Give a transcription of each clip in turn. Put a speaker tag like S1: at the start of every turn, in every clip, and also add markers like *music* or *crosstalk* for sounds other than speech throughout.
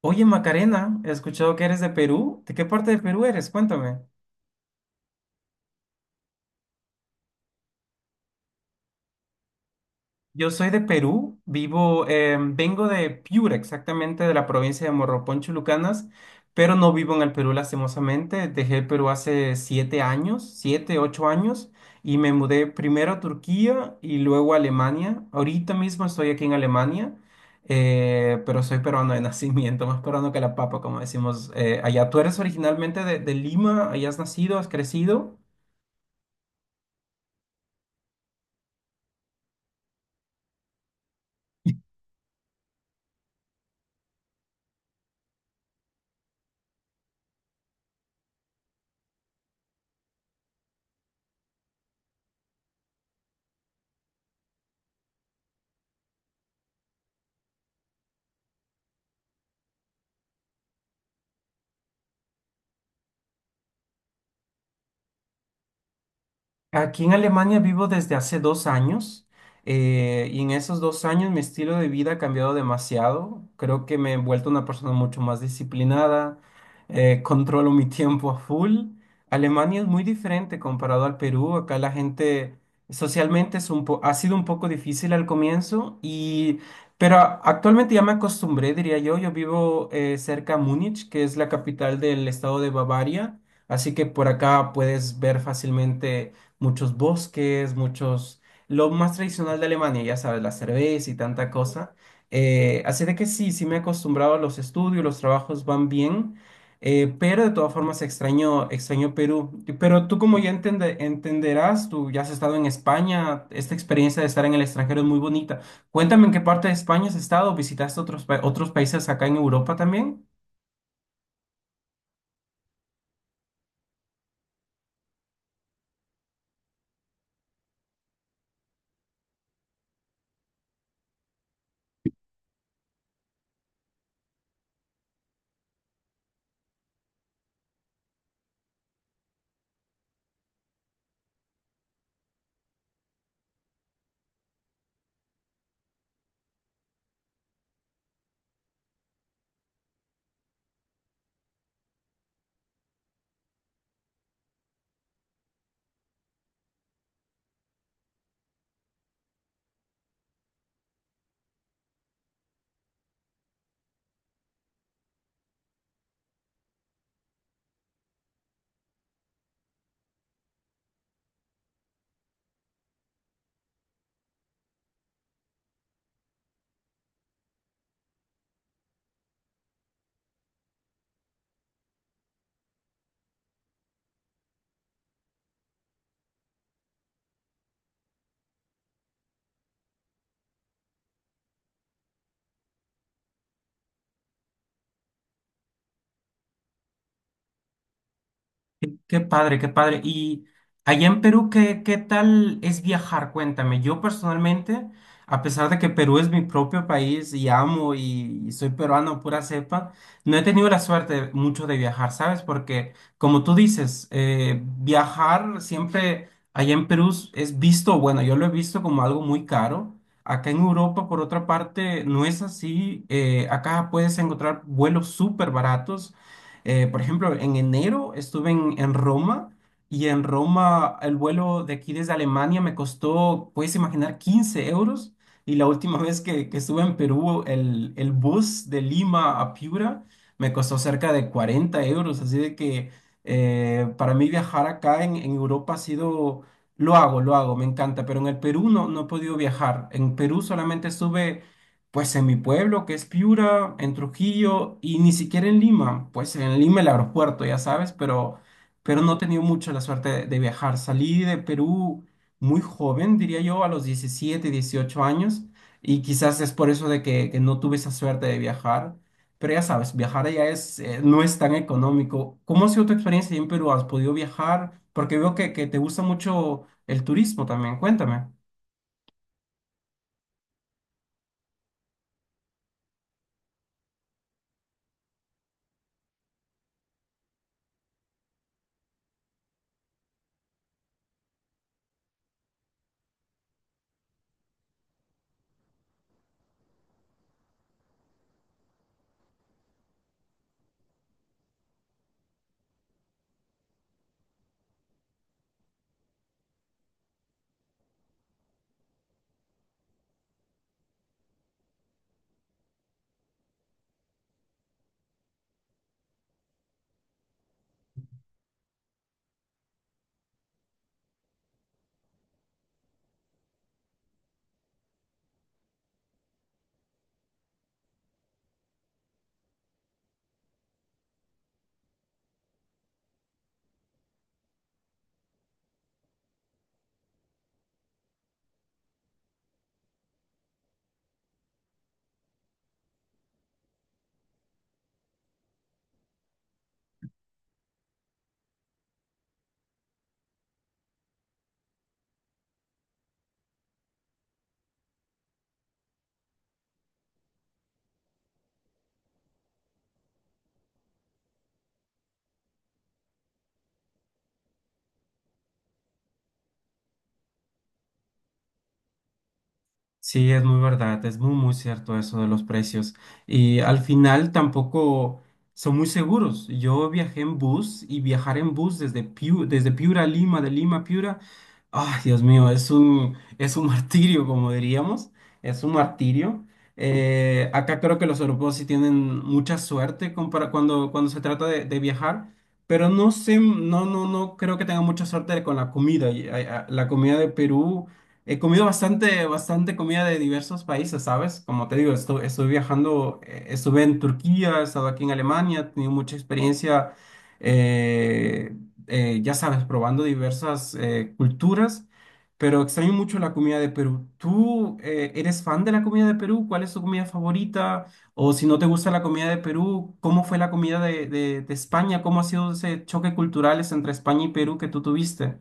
S1: Oye, Macarena, he escuchado que eres de Perú. ¿De qué parte de Perú eres? Cuéntame. Yo soy de Perú, vivo, vengo de Piura, exactamente de la provincia de Morropón, Chulucanas, pero no vivo en el Perú, lastimosamente. Dejé el Perú hace 7 años, 7, 8 años, y me mudé primero a Turquía y luego a Alemania. Ahorita mismo estoy aquí en Alemania, pero soy peruano de *laughs* nacimiento, más peruano que la papa, como decimos allá. ¿Tú eres originalmente de Lima? ¿Allá has nacido? ¿Has crecido? *laughs* Aquí en Alemania vivo desde hace 2 años y en esos 2 años mi estilo de vida ha cambiado demasiado. Creo que me he vuelto una persona mucho más disciplinada, *laughs* controlo mi tiempo a full. Alemania es muy diferente comparado al Perú. Acá la gente socialmente es ha sido un poco difícil al comienzo, pero actualmente ya me acostumbré, diría yo. Yo vivo cerca a Múnich, que es la capital del estado de Bavaria, así que por acá puedes ver fácilmente muchos bosques, muchos. Lo más tradicional de Alemania, ya sabes, la cerveza y tanta cosa. Así de que sí, sí me he acostumbrado a los estudios, los trabajos van bien, pero de todas formas extraño Perú. Pero tú como ya entenderás, tú ya has estado en España, esta experiencia de estar en el extranjero es muy bonita. Cuéntame en qué parte de España has estado, visitaste otros países acá en Europa también. Qué padre, qué padre. Y allá en Perú, ¿qué tal es viajar? Cuéntame. Yo personalmente, a pesar de que Perú es mi propio país y amo y soy peruano pura cepa, no he tenido la suerte mucho de viajar, ¿sabes? Porque como tú dices, viajar siempre allá en Perú es visto, bueno, yo lo he visto como algo muy caro. Acá en Europa, por otra parte, no es así. Acá puedes encontrar vuelos súper baratos por ejemplo, en enero estuve en Roma y en Roma el vuelo de aquí desde Alemania me costó, puedes imaginar, 15 euros. Y la última *laughs* vez que estuve en Perú, el bus de Lima a Piura me costó cerca de 40 euros. Así de que para mí viajar acá en Europa ha sido, lo hago, me encanta. Pero en el Perú no, no he podido viajar. En Perú solamente estuve pues en mi pueblo, que es Piura, en Trujillo y ni siquiera en Lima. Pues en Lima el aeropuerto, ya sabes, pero no he tenido mucho la suerte de viajar. Salí de Perú muy joven, diría yo, a los 17, 18 años, y quizás es por eso de que no tuve esa suerte de viajar. Pero ya sabes, viajar allá es, no es tan económico. ¿Cómo ha sido tu experiencia ahí en Perú? ¿Has podido viajar? Porque veo que te gusta mucho el turismo también. Cuéntame. Sí, es muy verdad, es muy, muy cierto eso de los precios. Y al final tampoco son muy seguros. Yo viajé en bus y viajar en bus desde Piura a Lima, de Lima a Piura, ay, Dios mío, es un *laughs* martirio, como diríamos, es un martirio. Acá creo que los europeos sí tienen mucha suerte cuando se trata de viajar, pero no sé, no, no, no creo que tengan mucha suerte con la comida. Y, la comida de Perú. He comido bastante, bastante comida de diversos países, ¿sabes? Como te digo, estuve viajando, estuve en Turquía, he estado aquí en Alemania, he tenido mucha experiencia, eh, ya sabes, probando diversas culturas, pero extraño mucho la comida de Perú. ¿Tú eres fan de la comida de Perú? ¿Cuál es tu comida favorita? O si no te gusta la comida de Perú, ¿cómo fue la comida de España? ¿Cómo ha sido ese choque cultural entre España y Perú que tú tuviste?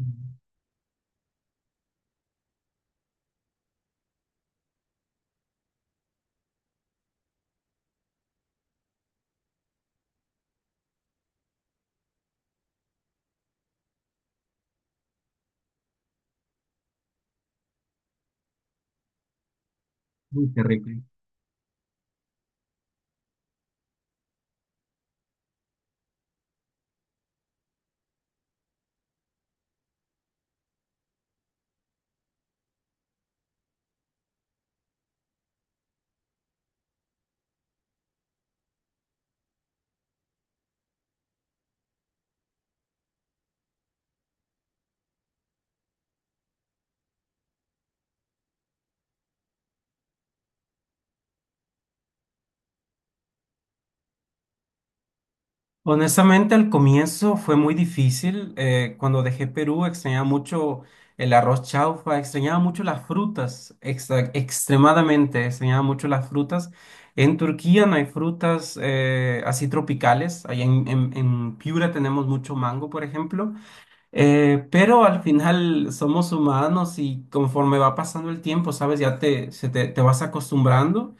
S1: Mm, uy, qué rico. Honestamente, al comienzo fue muy difícil. Cuando dejé Perú, extrañaba mucho el arroz chaufa, extrañaba mucho las frutas, extremadamente extrañaba mucho las frutas. En Turquía no hay frutas así tropicales. Allá en Piura tenemos mucho mango, por ejemplo. Pero al final somos humanos y conforme va pasando el tiempo, sabes, te vas acostumbrando.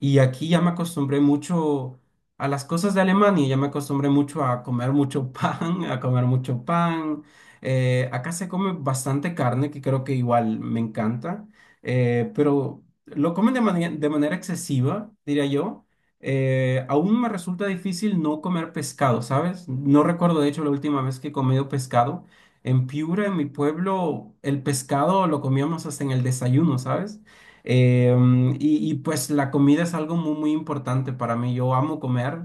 S1: Y aquí ya me acostumbré mucho a las cosas de Alemania, ya me acostumbré mucho a comer mucho *laughs* pan, a comer mucho pan. Acá se come bastante carne, que creo que igual me encanta, pero lo comen de manera excesiva, diría yo. Aún me resulta difícil no comer pescado, ¿sabes? No recuerdo, de hecho, la última vez que he comido pescado. En Piura, en mi pueblo, el pescado lo comíamos hasta en el desayuno, ¿sabes? Pues la comida es algo muy, muy importante para mí. Yo amo comer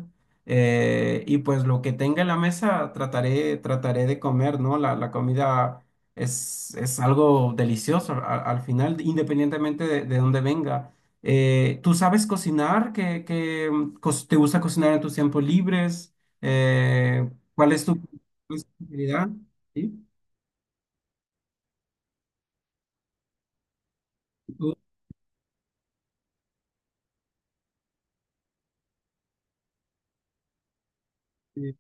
S1: y pues lo que tenga en la mesa trataré de comer, ¿no? La comida es algo delicioso al final, independientemente de dónde venga. ¿Tú sabes cocinar? ¿Te gusta cocinar en tus tiempos libres? Eh, ¿cuál es tu especialidad? ¿Sí? Uy.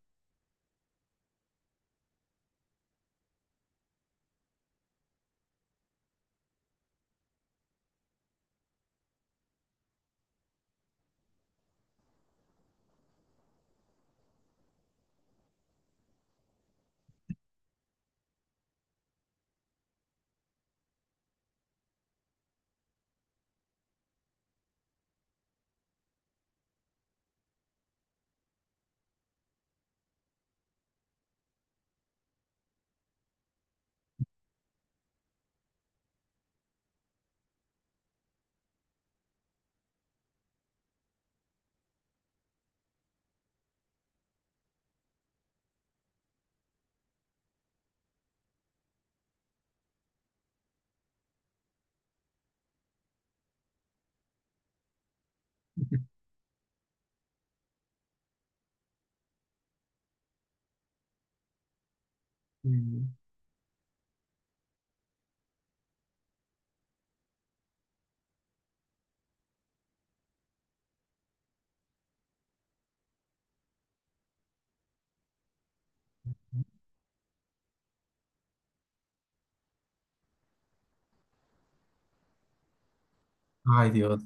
S1: Ay, Dios.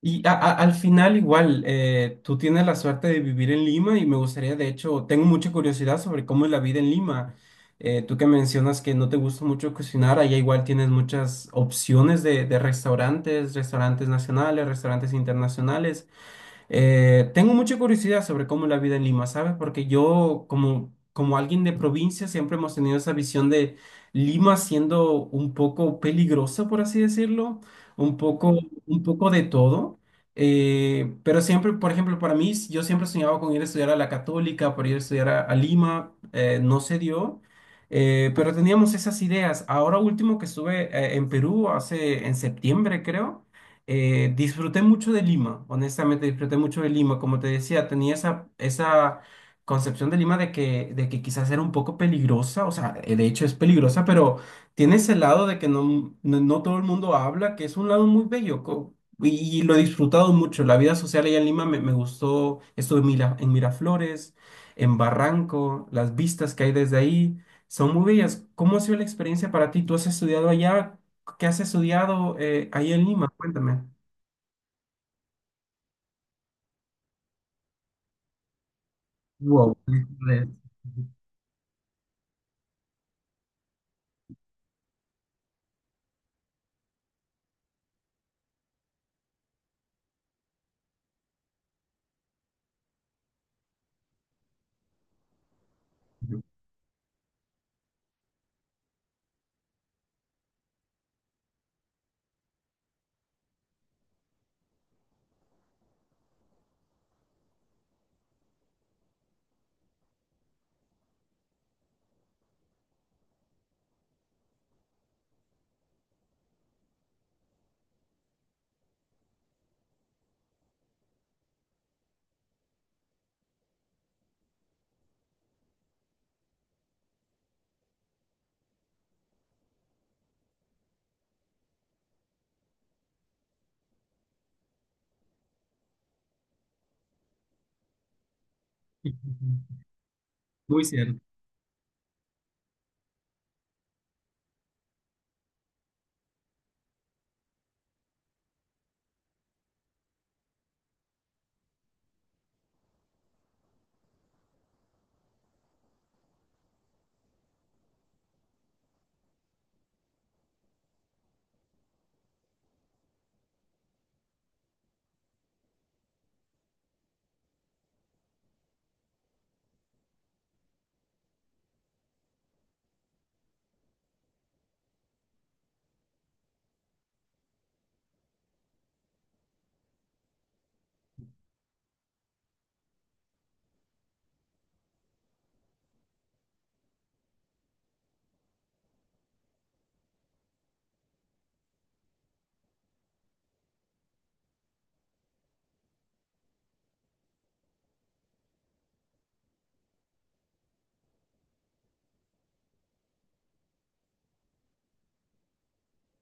S1: Y al final igual, tú tienes la suerte de vivir en Lima y me gustaría, de hecho, tengo mucha curiosidad sobre cómo es la vida en Lima. Tú que mencionas que no te gusta mucho cocinar, allá igual tienes muchas opciones de restaurantes, restaurantes nacionales, restaurantes internacionales. Tengo mucha curiosidad sobre cómo es la vida en Lima, ¿sabes? Porque yo, como alguien de provincia, siempre hemos tenido esa visión de Lima siendo un poco peligrosa, por así decirlo, un poco, un poco de todo. Pero siempre, por ejemplo, para mí, yo siempre soñaba con ir a estudiar a la Católica, por ir a estudiar a Lima, no se dio. Pero teníamos esas ideas. Ahora último que estuve en Perú, hace en septiembre, creo. Disfruté mucho de Lima, honestamente disfruté mucho de Lima. Como te decía, tenía esa concepción de Lima de que quizás era un poco peligrosa, o sea, de hecho es peligrosa, pero tiene ese lado de que no, no, no todo el mundo habla, que es un lado muy bello y, y lo he disfrutado mucho. La vida social allá en Lima me gustó, estuve en Miraflores, en Barranco, las vistas que hay desde ahí son muy bellas. ¿Cómo ha sido la experiencia para ti? ¿Tú has estudiado allá? ¿Qué has estudiado ahí en Lima? Cuéntame. Wow. *laughs* Muy cierto.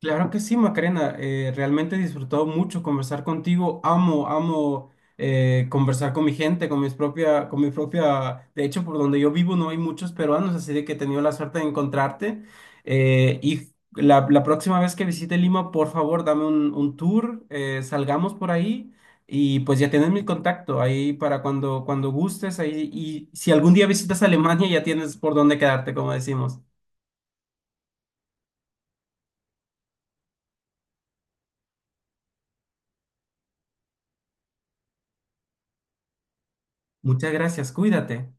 S1: Claro que sí, Macarena. Realmente he disfrutado mucho conversar contigo. Amo, amo conversar con mi gente, con mis propia, con mi propia. De hecho, por donde yo vivo no hay muchos peruanos, así de que he tenido la suerte de encontrarte. Y la próxima vez que visite Lima, por favor, dame un tour, salgamos por ahí y pues ya tienes mi contacto ahí para cuando gustes. Ahí, y si algún día visitas Alemania, ya tienes por dónde quedarte, como decimos. Muchas gracias, cuídate.